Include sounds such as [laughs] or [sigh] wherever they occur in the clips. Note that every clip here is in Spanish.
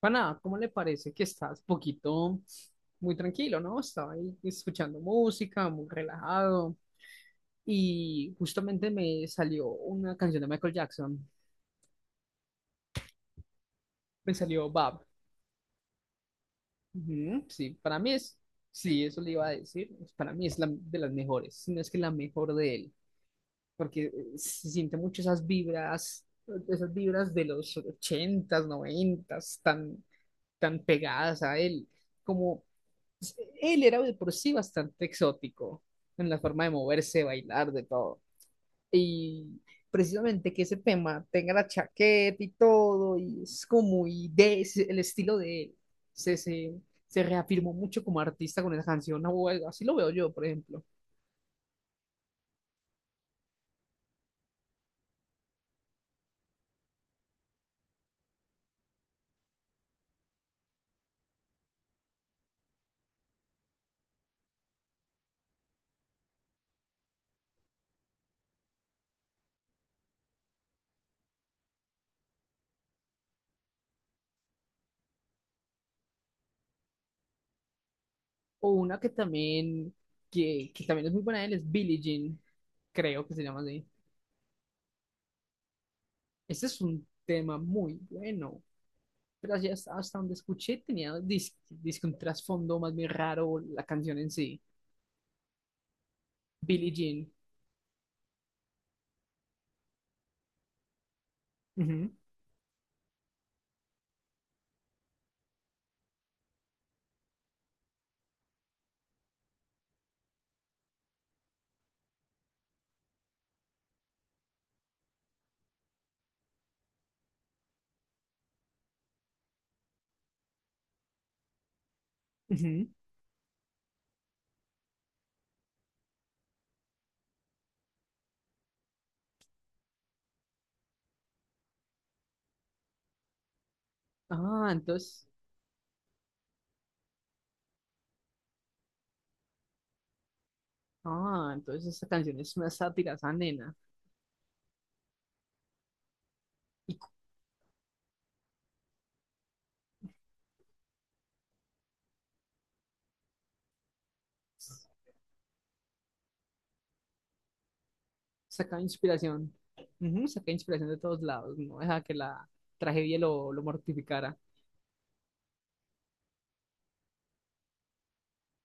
Pana, ¿cómo le parece que estás poquito muy tranquilo, no? Estaba ahí escuchando música, muy relajado, y justamente me salió una canción de Michael Jackson. Me salió Bob. Ujú. Sí, para mí es... Sí, eso le iba a decir, pues, para mí es la de las mejores, si no es que la mejor de él, porque se siente mucho esas vibras de los ochentas, noventas, tan pegadas a él, como pues, él era de por sí bastante exótico en la forma de moverse, bailar, de todo. Y precisamente que ese tema tenga la chaqueta y todo, y es como muy de es el estilo de él. Se, se, se reafirmó mucho como artista con esa canción, o algo así lo veo yo, por ejemplo. O una que también, que también es muy buena de él es Billie Jean, creo que se llama así. Este es un tema muy bueno. Pero así hasta donde escuché tenía disque un trasfondo más bien raro la canción en sí. Billie Jean. Ujú, ujú. Ah, entonces, ah, entonces esta canción es una sátira a esa nena. y cu- Saca inspiración. Ujú, saca inspiración de todos lados, no deja que la tragedia lo mortificara.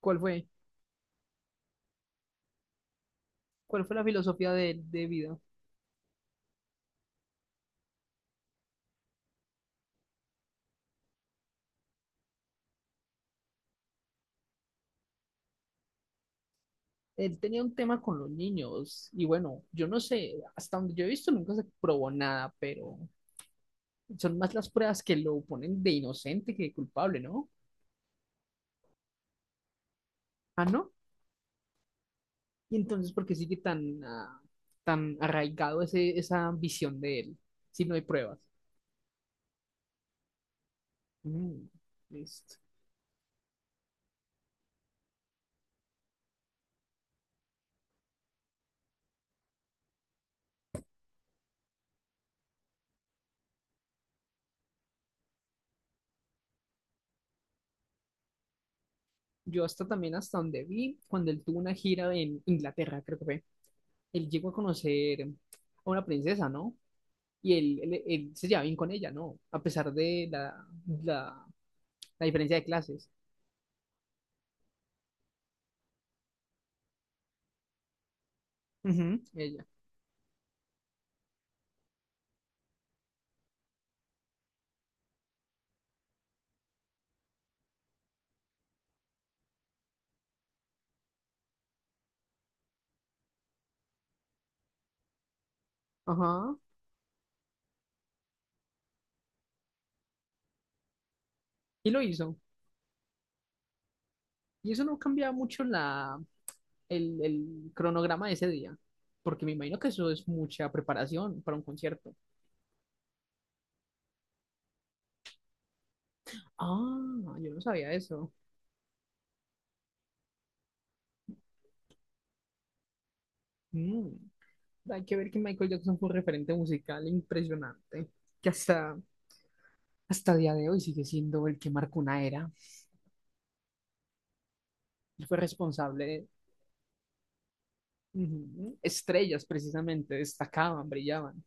¿Cuál fue? ¿Cuál fue la filosofía de vida? Él tenía un tema con los niños y bueno, yo no sé, hasta donde yo he visto nunca se probó nada, pero... Son más las pruebas que lo ponen de inocente que de culpable, ¿no? Ah, ¿no? Y entonces, ¿por qué sigue tan arraigado esa visión de él si no hay pruebas? Mm, listo. Yo hasta también hasta donde vi, cuando él tuvo una gira en Inglaterra, creo que fue, él llegó a conocer a una princesa, ¿no? Y él se llevaba bien con ella, ¿no? A pesar de la, la diferencia de clases. Ujú, ella. Ajá. Y lo hizo. Y eso no cambia mucho el cronograma de ese día, porque me imagino que eso es mucha preparación para un concierto. Ah, yo no sabía eso. Mm. Hay que ver que Michael Jackson fue un referente musical impresionante, que hasta día de hoy sigue siendo el que marcó una era. Él fue responsable de... Ujú, estrellas, precisamente, destacaban, brillaban.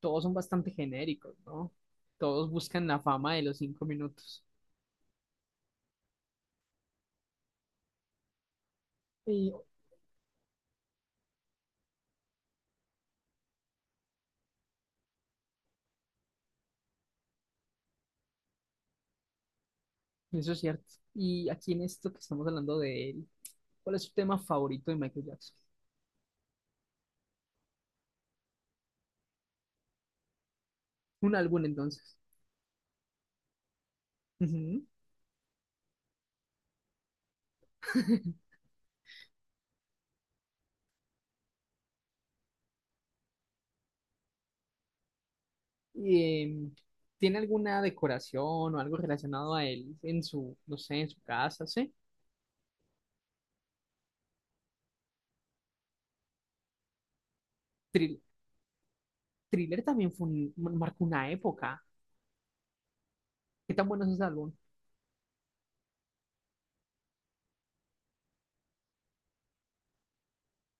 Todos son bastante genéricos, ¿no? Todos buscan la fama de los 5 minutos. Y eso es cierto. Y aquí en esto que estamos hablando de él, ¿cuál es su tema favorito de Michael Jackson? Un álbum entonces. Ujú. [laughs] Y, ¿tiene alguna decoración o algo relacionado a él en su, no sé, en su casa? ¿Sí? Thrill- Thriller también marcó una época. ¿Qué tan bueno es ese álbum?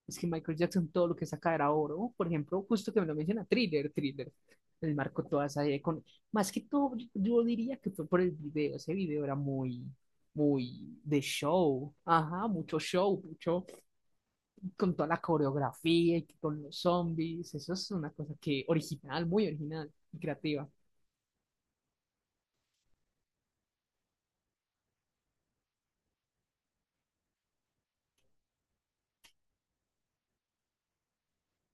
Es que Michael Jackson todo lo que saca era oro. Por ejemplo, justo que me lo menciona, Thriller, Thriller. Él marcó toda esa idea con... Más que todo, yo diría que fue por el video. Ese video era muy, muy de show. Ajá, mucho show, mucho... con toda la coreografía y con los zombies. Eso es una cosa que original, muy original y creativa.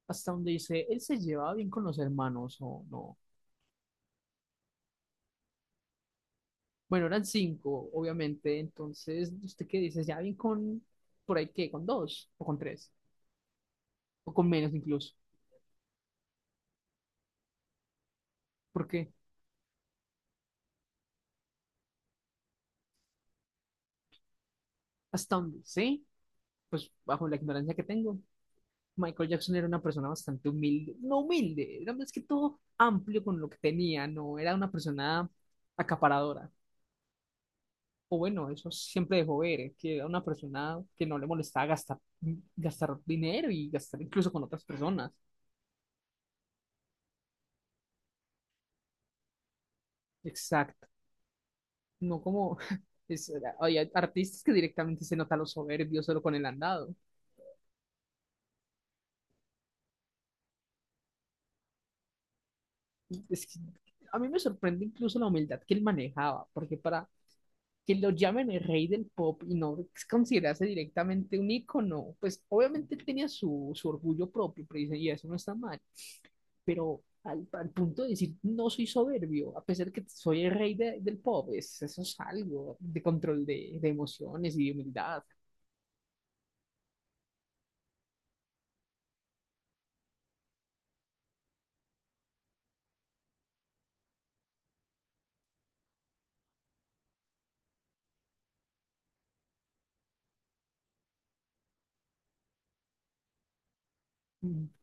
Hasta donde dice, él se llevaba bien con los hermanos o no. Bueno, eran cinco, obviamente. Entonces, ¿usted qué dice? ¿Ya bien con, por ahí qué, con dos o con tres? O con menos incluso, porque hasta donde sé, pues bajo la ignorancia que tengo, Michael Jackson era una persona bastante humilde, no humilde, era más que todo amplio con lo que tenía, no era una persona acaparadora. O bueno, eso siempre dejó ver, que era una persona que no le molestaba gastar, gastar dinero y gastar incluso con otras personas. Exacto. No como [laughs] es- hay artistas que directamente se nota los soberbios solo con el andado. Es que a mí me sorprende incluso la humildad que él manejaba, porque para que lo llamen el rey del pop y no considerarse directamente un ícono, pues obviamente él tenía su orgullo propio, pero dice, y eso no está mal, pero al punto de decir, no soy soberbio, a pesar de que soy el rey del pop, es, eso es algo de control de, emociones y de humildad.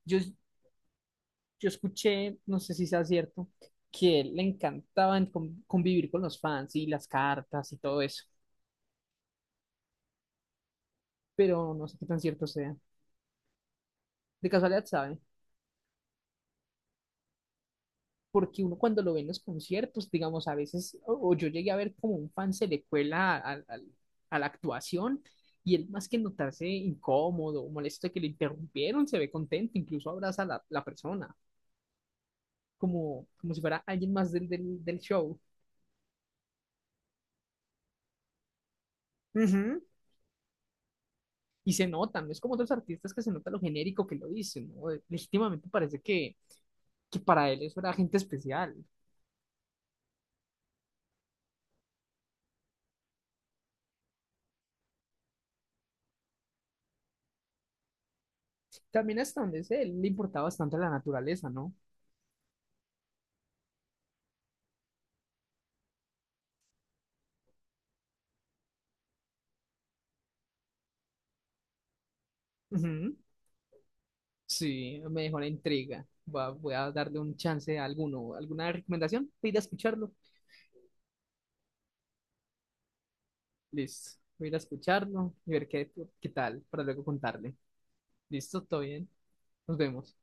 Yo, yo escuché, no sé si sea cierto, que él le encantaba en convivir con los fans y las cartas y todo eso. Pero no sé qué tan cierto sea. De casualidad, ¿sabe? Porque uno cuando lo ve en los conciertos, digamos, a veces, o yo llegué a ver como un fan se le cuela a la actuación y él más que notarse incómodo o molesto de que le interrumpieron, se ve contento, incluso abraza a la persona, como si fuera alguien más del show. Ujú. Y se nota, no es como otros artistas que se nota lo genérico que lo dicen, ¿no? Legítimamente parece que para él eso era gente especial. También hasta donde sé, él le importaba bastante la naturaleza, ¿no? Ujú. Sí, me dejó la intriga. Voy a darle un chance a alguno. ¿Alguna recomendación? Voy a ir a escucharlo. Listo. Voy a ir a escucharlo y ver qué tal para luego contarle. Listo, todo bien. Nos vemos.